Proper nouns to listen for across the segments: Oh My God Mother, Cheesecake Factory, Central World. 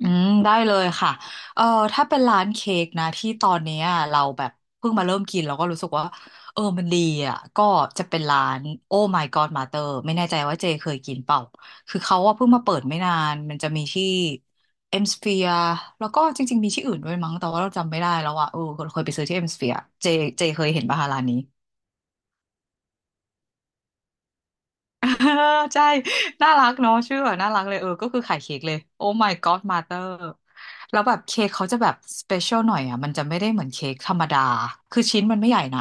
อืมได้เลยค่ะเออถ้าเป็นร้านเค้กนะที่ตอนเนี้ยเราแบบเพิ่งมาเริ่มกินเราก็รู้สึกว่ามันดีอ่ะก็จะเป็นร้าน Oh My God Mother ไม่แน่ใจว่าเจเคยกินเปล่าคือเขาว่าเพิ่งมาเปิดไม่นานมันจะมีที่เอ็มสเฟียแล้วก็จริงๆมีที่อื่นด้วยมั้งแต่ว่าเราจำไม่ได้แล้วอ่ะเคยไปซื้อที่เอ็มสเฟียเจเจเคยเห็นป่ะคะร้านนี้ เออใช่ น่ารักเนาะชื่อแบบน่ารักเลยก็คือขายเค้กเลยโอ้ my god mother แล้วแบบเค้กเขาจะแบบสเปเชียลหน่อยอ่ะมันจะไม่ได้เหมือนเค้กธรรมดาคือชิ้นมันไม่ใหญ่นะ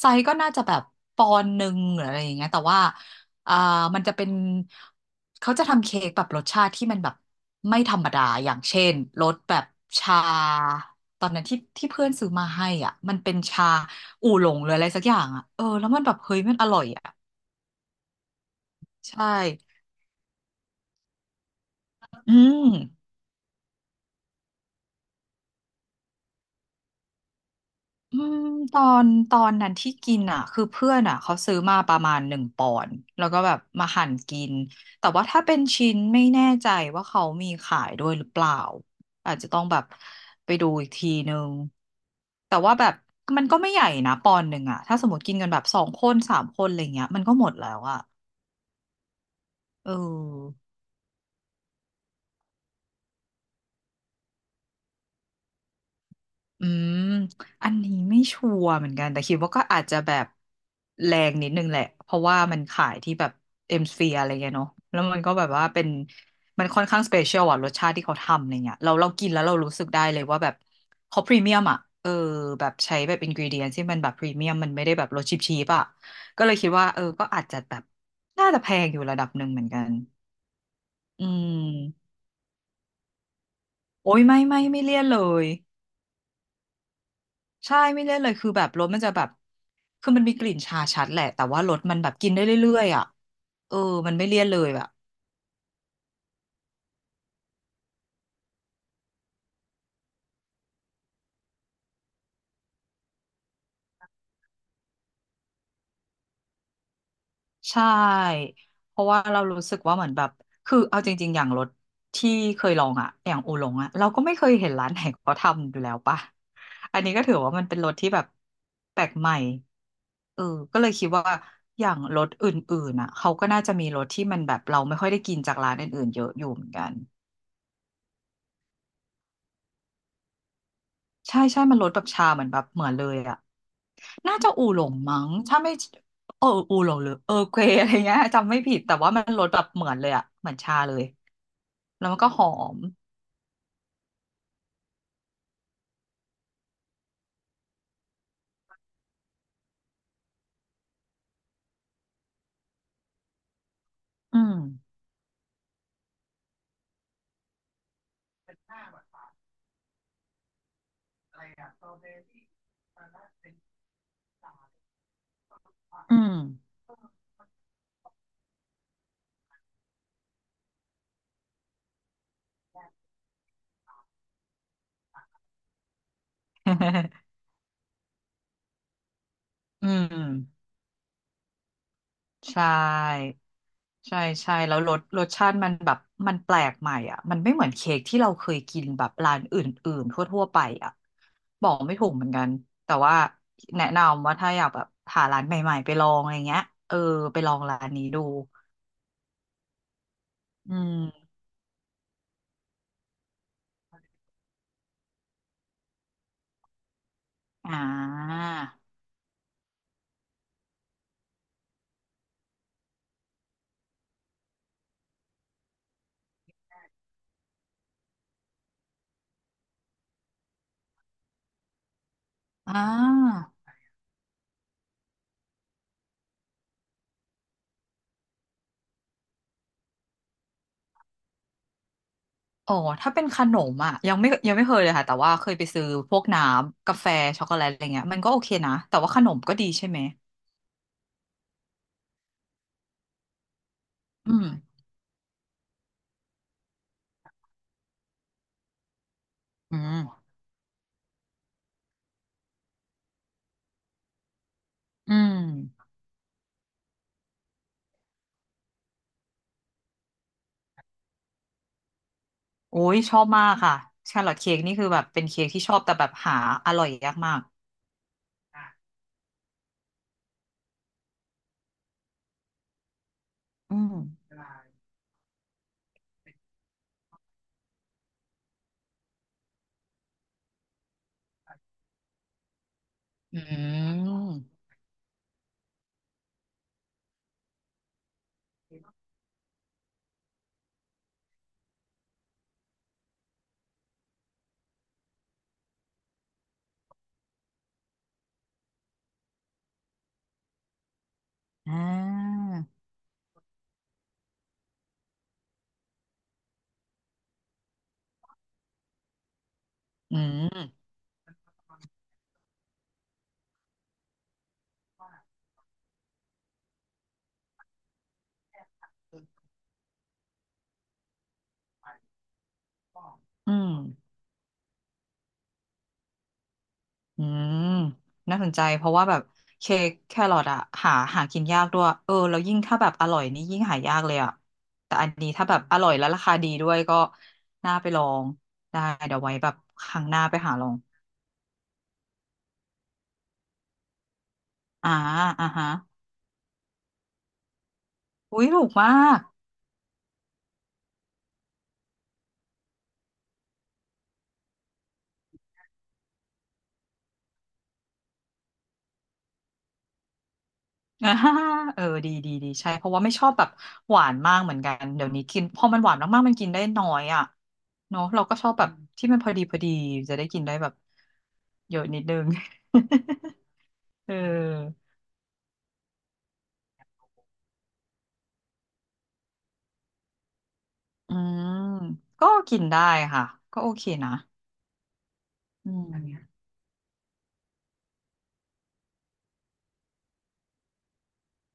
ไซส์ก็น่าจะแบบปอนด์หนึ่งหรืออะไรอย่างเงี้ยแต่ว่าอ่ามันจะเป็นเขาจะทำเค้กแบบรสชาติที่มันแบบไม่ธรรมดาอย่างเช่นรสแบบชาตอนนั้นที่ที่เพื่อนซื้อมาให้อ่ะมันเป็นชาอู่หลงหรืออะไรสักอย่างอ่ะแล้วมันแบบเฮ้ยมันอร่อยอ่ะใช่ อืมอืมตอนนั้นที่กินอ่ะคือเพื่อนอ่ะเขาซื้อมาประมาณหนึ่งปอนด์แล้วก็แบบมาหั่นกินแต่ว่าถ้าเป็นชิ้นไม่แน่ใจว่าเขามีขายด้วยหรือเปล่าอาจจะต้องแบบไปดูอีกทีนึงแต่ว่าแบบมันก็ไม่ใหญ่นะปอนด์หนึ่งอ่ะถ้าสมมติกินกันแบบสองคนสามคนอะไรเงี้ยมันก็หมดแล้วอ่ะเออ อืมอันนี้ไม่ชัวร์เหมือนกันแต่คิดว่าก็อาจจะแบบแรงนิดนึงแหละเพราะว่ามันขายที่แบบเอ็มสเฟียอะไรเงี้ยเนาะแล้วมันก็แบบว่าเป็นมันค่อนข้างสเปเชียลอะรสชาติที่เขาทำอะไรเงี้ยเรากินแล้วเรารู้สึกได้เลยว่าแบบเขาพรีเมียมอะแบบใช้แบบอินกรีเดียนที่มันแบบพรีเมียมมันไม่ได้แบบรสชิปชีปอะก็เลยคิดว่าก็อาจจะแบบน่าจะแพงอยู่ระดับหนึ่งเหมือนกันอืมโอ้ยไม่ไม่เลี่ยนเลย ใช่ไม่เล่นเลยคือแบบรสมันจะแบบคือมันมีกลิ่นชาชัดแหละแต่ว่ารสมันแบบกินได้เรื่อยๆอ่ะเออมันไม่เลี่ยนเลยอ่ะใช่เพราะว่าเรารู้สึกว่าเหมือนแบบคือเอาจริงๆอย่างรสที่เคยลองอ่ะอย่างอูหลงอ่ะเราก็ไม่เคยเห็นร้านไหนเขาทำอยู่แล้วป่ะอันนี้ก็ถือว่ามันเป็นรสที่แบบแปลกใหม่เออก็เลยคิดว่าอย่างรสอื่นๆอ่ะเขาก็น่าจะมีรสที่มันแบบเราไม่ค่อยได้กินจากร้านอื่นๆเยอะอยู่เหมือนกัน ใช่ใช่ มันรสแบบชาเหมือนแบบเหมือนเลยอะน่าจะอู่หลงมั้งถ้าไม่อู่หลงหรือเกวอะไรเงี้ยจำไม่ผิด แต่ว่ามันรสแบบเหมือนเลยอะเหมือนชาเลยแล้วมันก็หอม อืม อืม อืมใช่ ใช่ใช่แล้วรสชาติมันแบบมันแปลกใหม่อ่ะมันไม่เหมือนเค้กที่เราเคยกินแบบร้านอื่นๆทั่วๆไปอ่ะบอกไม่ถูกเหมือนกันแต่ว่าแนะนำว่าถ้าอยากแบบหาร้านใหม่ๆไปลองอะไรเงี้ยเออไปลองร้านนี้ดูอืมอ่าอ่าอ๋อถ้าเป็นขนมอ่ะยังไม่เคยเลยค่ะแต่ว่าเคยไปซื้อพวกน้ำกาแฟช็อกโกแลตอะไรเงี้ยมันก็โอเคนะแต่ว่าขนมก็ดีใช่ไหมอืมอืมอืม โอ้ยชอบมากค่ะชาร์ลอตเค้กนี่คือแบบเป็นเค้กที่ชอบแต่แบบหาอร่อยยากมากอืมอืมอ่าอืมอืมอืมน่าสนใจเพราะว่าแบบเค้กแครอทอะหากินยากด้วยแล้วยิ่งถ้าแบบอร่อยนี่ยิ่งหายากเลยอะแต่อันนี้ถ้าแบบอร่อยและราคาดีด้วยก็น่าไปลองได้เดี๋ยวไว้แบบครั้งหน้าไปหาลองอ่าอ่าฮะอุ้ยถูกมาก อ่าดีใช่เพราะว่าไม่ชอบแบบหวานมากเหมือนกันเดี๋ยวนี้กินพอมันหวานมากๆมันกินได้น้อยอ่ะเนาะเราก็ชอบแบบที่มันพอดีจะได้กินได้แบบเยอะนิดนึง เอออืมก็กินได้ค่ะก็โอเคนะอืมอนเนี้ย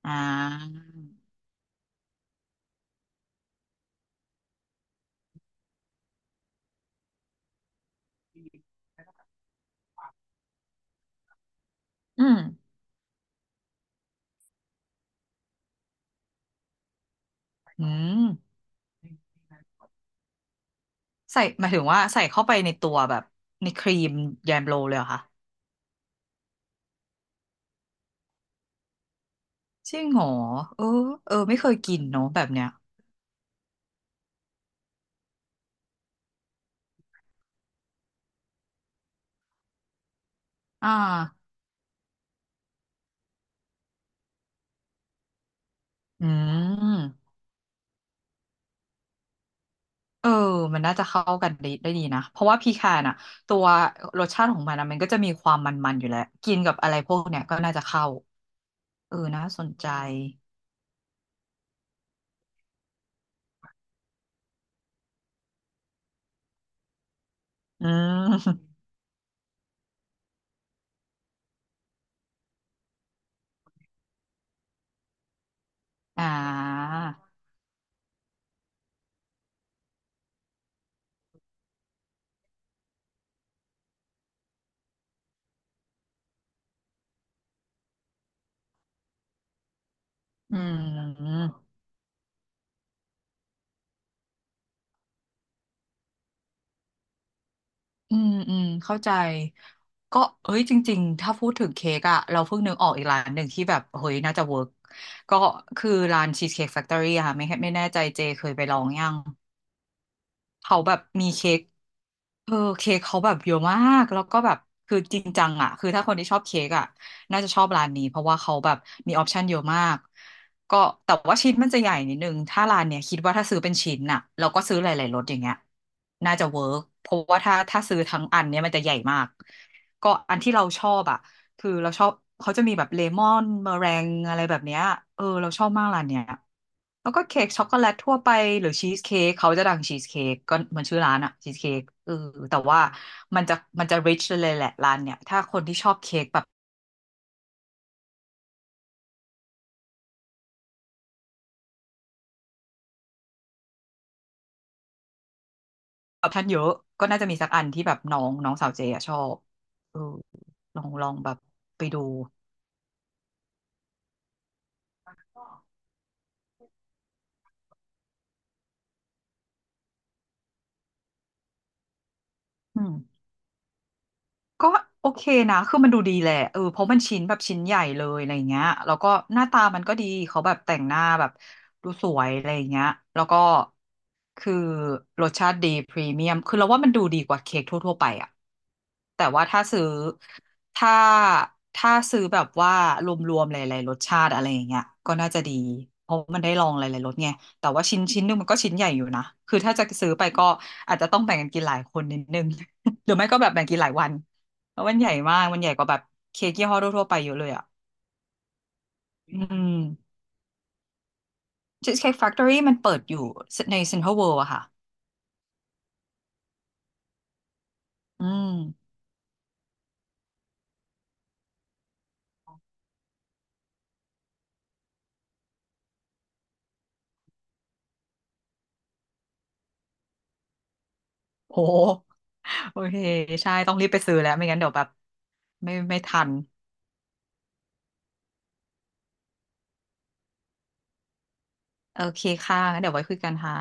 อ่าอืมอืมใส่หมายถึงว่าใส่เข้าไปในตัวแบบในครีมแยมโรเลยเหรอคะจริงเหรอเออเออไม่เคยกินเนาะแบบเนี้ยอ่า อืมเออมันน่าจะเข้ากันได้ดีนะเพราะว่าพีคานอ่ะตัวรสชาติของมันอะมันก็จะมีความมันๆอยู่แล้วกินกับอะไรพวกเนี้ยก็น่าจะเข้าเออน่าสนใจอืมอ่าอืมอืมเข้าใจก็เอ้ยจริงๆถ้าพูดถึงเค้กอะเราเพิ่งนึกออกอีกร้านหนึ่งที่แบบเฮ้ยน่าจะเวิร์กก็คือร้านชีสเค้กแฟคทอรี่ค่ะไม่แน่ใจเจเคยไปลองยังเขาแบบมีเค้ก เออเค้กเขาแบบเยอะมากแล้วก็แบบคือจริงจังอ่ะคือถ้าคนที่ชอบเค้กอ่ะน่าจะชอบร้านนี้เพราะว่าเขาแบบมีออปชันเยอะมากก็แต่ว่าชิ้นมันจะใหญ่นิดนึงถ้าร้านเนี้ยคิดว่าถ้าซื้อเป็นชิ้นน่ะเราก็ซื้อหลายๆรสอย่างเงี้ยน่าจะเวิร์กเพราะว่าถ้าซื้อทั้งอันเนี้ยมันจะใหญ่มากก็อันที่เราชอบอ่ะ คือเราชอบเขาจะมีแบบเลมอนเมอแรงอะไรแบบเนี้ยเออเราชอบมากร้านเนี้ยแล้วก็เค้กช็อกโกแลตทั่วไปหรือชีสเค้กเขาจะดังชีสเค้กก็เหมือนชื่อร้านอะชีสเค้กเออแต่ว่ามันจะมันจะ rich เลยแหละร้านเนี่ยถ้าคนที่ชอบเค้กแบบออปชั่นเยอะก็น่าจะมีสักอันที่แบบน้องน้องสาวเจอะชอบเออลองแบบไปดูอืม ก็โอเคนะคือมันดูดีแหละเออเพราะมันชิ้นแบบชิ้นใหญ่เลยอะไรเงี้ยแล้วก็หน้าตามันก็ดี เขาแบบแต่งหน้าแบบดูสวยอะไรเงี้ยแล้วก็คือรสชาติดีพรีเมียมคือเราว่ามันดูดีกว่าเค้กทั่วๆไปอะแต่ว่าถ้าซื้อถ้าถ้าซื้อแบบว่ารวมๆหลายๆรสชาติอะไรอย่างเงี้ยก็น่าจะดีเพราะมันได้ลองหลายๆรสไงแต่ว่าชิ้นหนึงมันก็ชิ้นใหญ่อยู่นะคือถ้าจะซื้อไปก็อาจจะต้องแบ่งกันกินหลายคนนิดนึง หรือไม่ก็แบบแบ่งกินหลายวัน แล้วมันใหญ่มากมันใหญ่กว่าแบบเค้กยี่ห้อทั่วๆไปเยอะเลยอ่ะอืม Cheesecake Factory มันเปิดอยู่ใน Central World อะค่ะอืมโหโอเค ใช่ ต้องรีบไปซื้อแล้วไม่งั้นเดี๋ยวแบบไม่ทันโอเคค่ะงั้นเดี๋ยวไว้คุยกันค่ะ